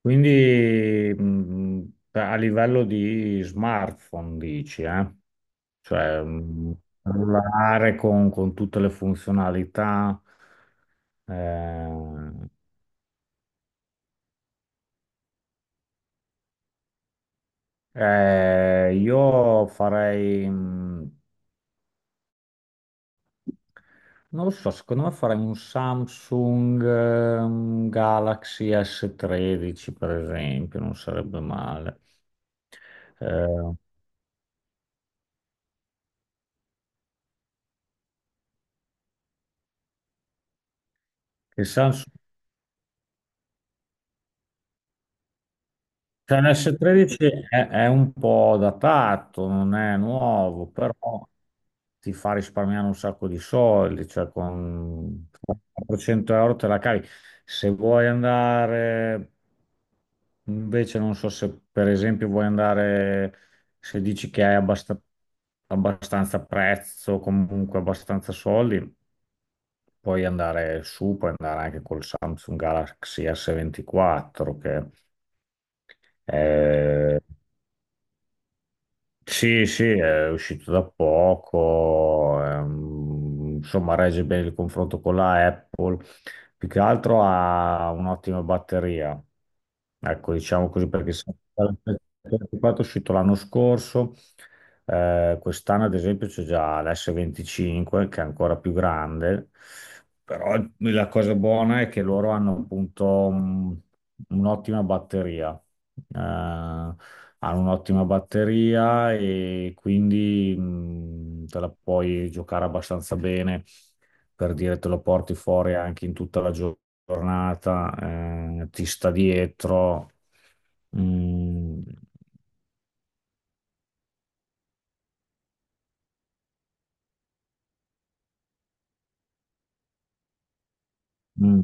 Quindi a livello di smartphone dici, eh? Cioè cellulare con tutte le funzionalità. eh, io farei, non lo so, secondo me farei un Samsung, Galaxy S13 per esempio, non sarebbe male. Eh, il Samsung Cioè, un S13 è un po' datato, non è nuovo, però ti fa risparmiare un sacco di soldi, cioè con 400 euro te la cavi. Se vuoi andare, invece non so se per esempio vuoi andare, se dici che hai abbastanza prezzo, comunque abbastanza soldi, puoi andare su, puoi andare anche col Samsung Galaxy S24, che eh, sì, sì, è uscito da poco, insomma regge bene il confronto con la Apple, più che altro ha un'ottima batteria, ecco diciamo così perché è uscito l'anno scorso, quest'anno ad esempio c'è già l'S25 che è ancora più grande, però la cosa buona è che loro hanno appunto un'ottima batteria, eh, hanno un'ottima batteria e quindi te la puoi giocare abbastanza bene, per dire te lo porti fuori anche in tutta la giornata, ti sta dietro. Mm, mm,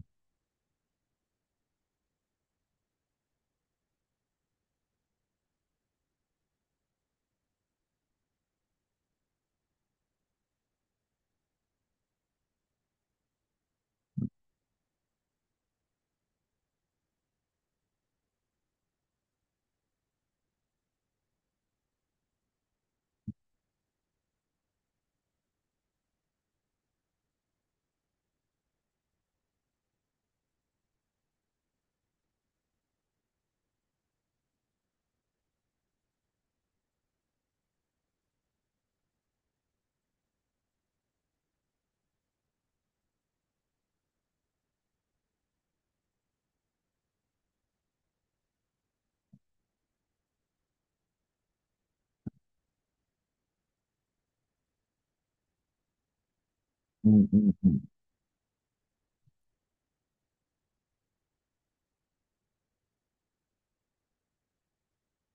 mm, mm, mm. Mm.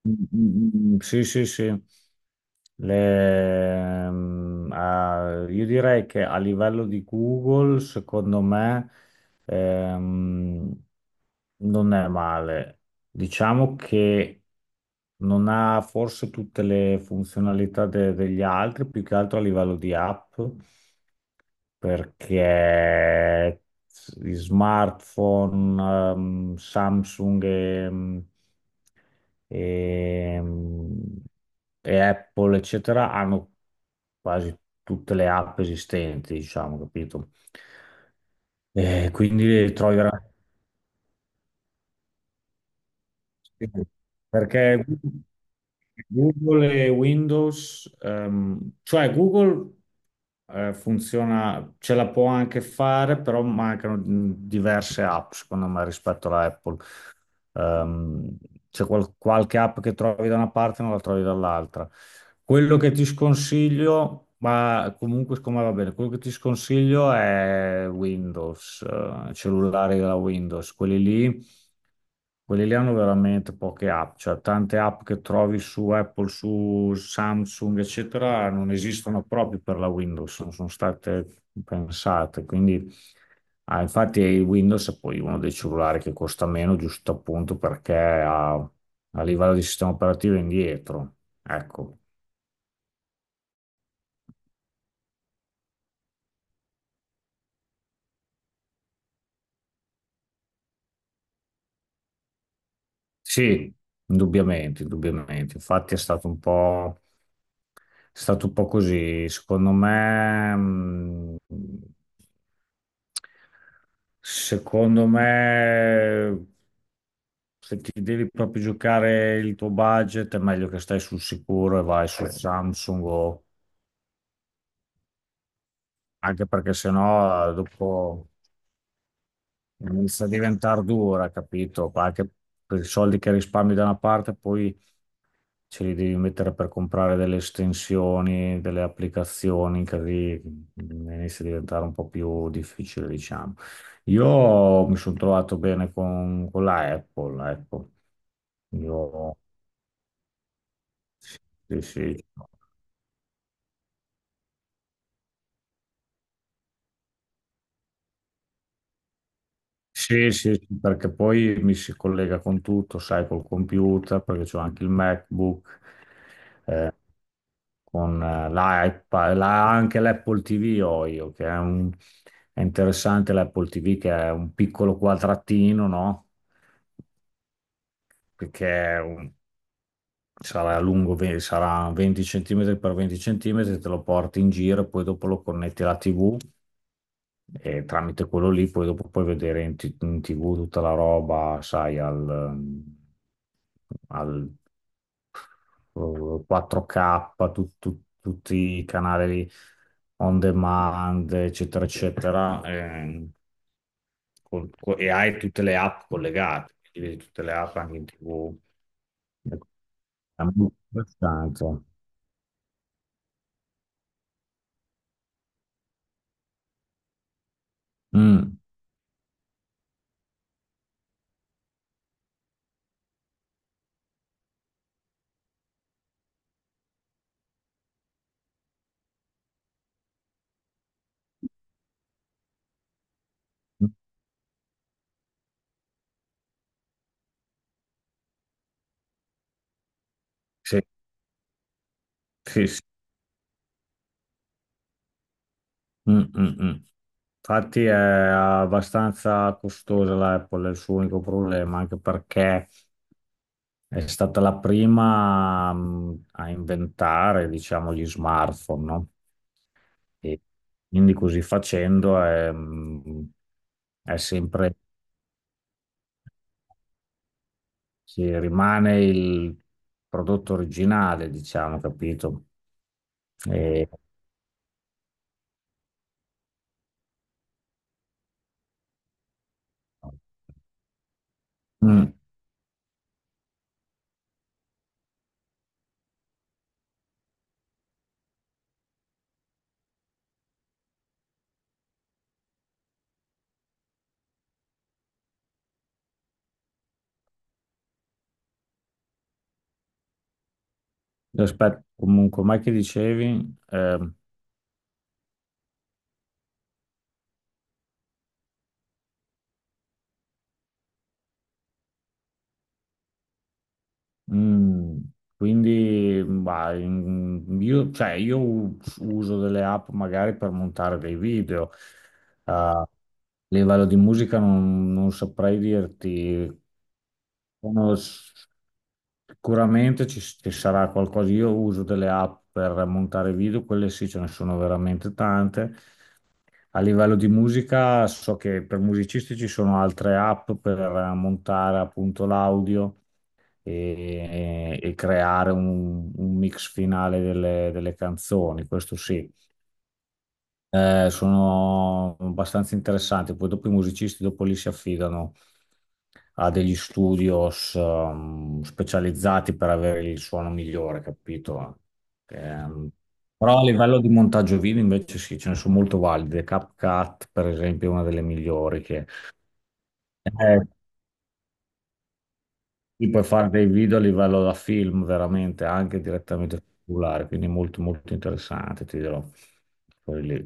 Mm, mm, mm, sì, sì, sì. Le- ah, io direi che a livello di Google, secondo me, ehm, non è male. Diciamo che non ha forse tutte le funzionalità degli altri, più che altro a livello di app, perché gli smartphone, Samsung e, e Apple, eccetera, hanno quasi tutte le app esistenti, diciamo, capito? E quindi trovi veramente. Sì, sì. Perché Google e Windows, cioè Google funziona, ce la può anche fare, però mancano diverse app, secondo me, rispetto alla Apple. Ehm, C'è qualche app che trovi da una parte e non la trovi dall'altra. Quello che ti sconsiglio, ma comunque siccome va bene, quello che ti sconsiglio è Windows, cellulari della Windows, quelli lì. Quelli lì hanno veramente poche app, cioè tante app che trovi su Apple, su Samsung, eccetera, non esistono proprio per la Windows, non sono state pensate. Quindi, ah, infatti, il Windows è poi uno dei cellulari che costa meno, giusto appunto perché a livello di sistema operativo è indietro. Ecco. Sì, indubbiamente, indubbiamente. Infatti è stato un po', è stato un po' così. Secondo me, secondo me, se ti devi proprio giocare il tuo budget, è meglio che stai sul sicuro e vai su Samsung, anche perché sennò dopo inizia a diventare dura, capito? Anche per i soldi che risparmi da una parte, poi ce li devi mettere per comprare delle estensioni, delle applicazioni, così inizia a diventare un po' più difficile, diciamo. Io mi sono trovato bene con la Apple, ecco. Io, sì, sì. Sì, sì, sì, perché poi mi si collega con tutto, sai, col computer, perché c'ho anche il MacBook. Con l'iPad, anche l'Apple TV ho io, che è interessante l'Apple TV, che è un piccolo quadratino, no? Perché sarà lungo, sarà 20 centimetri per 20 centimetri, te lo porti in giro, e poi dopo lo connetti alla TV e tramite quello lì poi dopo puoi vedere in, in TV tutta la roba, sai, al 4K, tutti i canali on demand, eccetera, eccetera, e hai tutte le app collegate, quindi vedi tutte le app anche in TV. Ecco, è molto interessante. Mm. Sì, sì, sì. Mm, mm, mm. Infatti è abbastanza costosa l'Apple, è il suo unico problema, anche perché è stata la prima a inventare, diciamo, gli smartphone, no? E quindi così facendo è sempre, si rimane il prodotto originale, diciamo, capito? E, Mm. Aspetta, comunque, mai che dicevi? Mm, quindi, ma, io, cioè, uso delle app magari per montare dei video. A livello di musica non saprei dirti. Sono sicuramente ci sarà qualcosa. Io uso delle app per montare video, quelle sì, ce ne sono veramente tante. A livello di musica, so che per musicisti ci sono altre app per montare appunto l'audio e creare un mix finale delle canzoni, questo sì. Sono abbastanza interessanti, poi dopo i musicisti dopo lì si affidano a degli studios specializzati per avere il suono migliore, capito? Ehm, Però a livello di montaggio video invece sì, ce ne sono molto valide. CapCut, per esempio, è una delle migliori che... Eh, qui puoi fare dei video a livello da film, veramente, anche direttamente sul cellulare, quindi molto molto interessante, ti dirò. Poi lì, e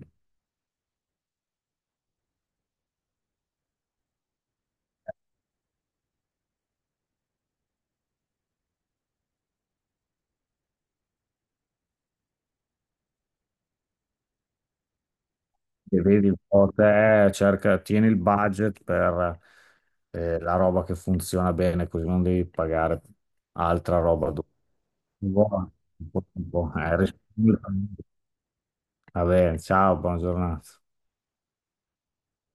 vedi un po' te, cerca, tieni il budget per la roba che funziona bene, così non devi pagare altra roba dopo. Buona, un po', responsabilmente. Va bene, ciao, buona giornata.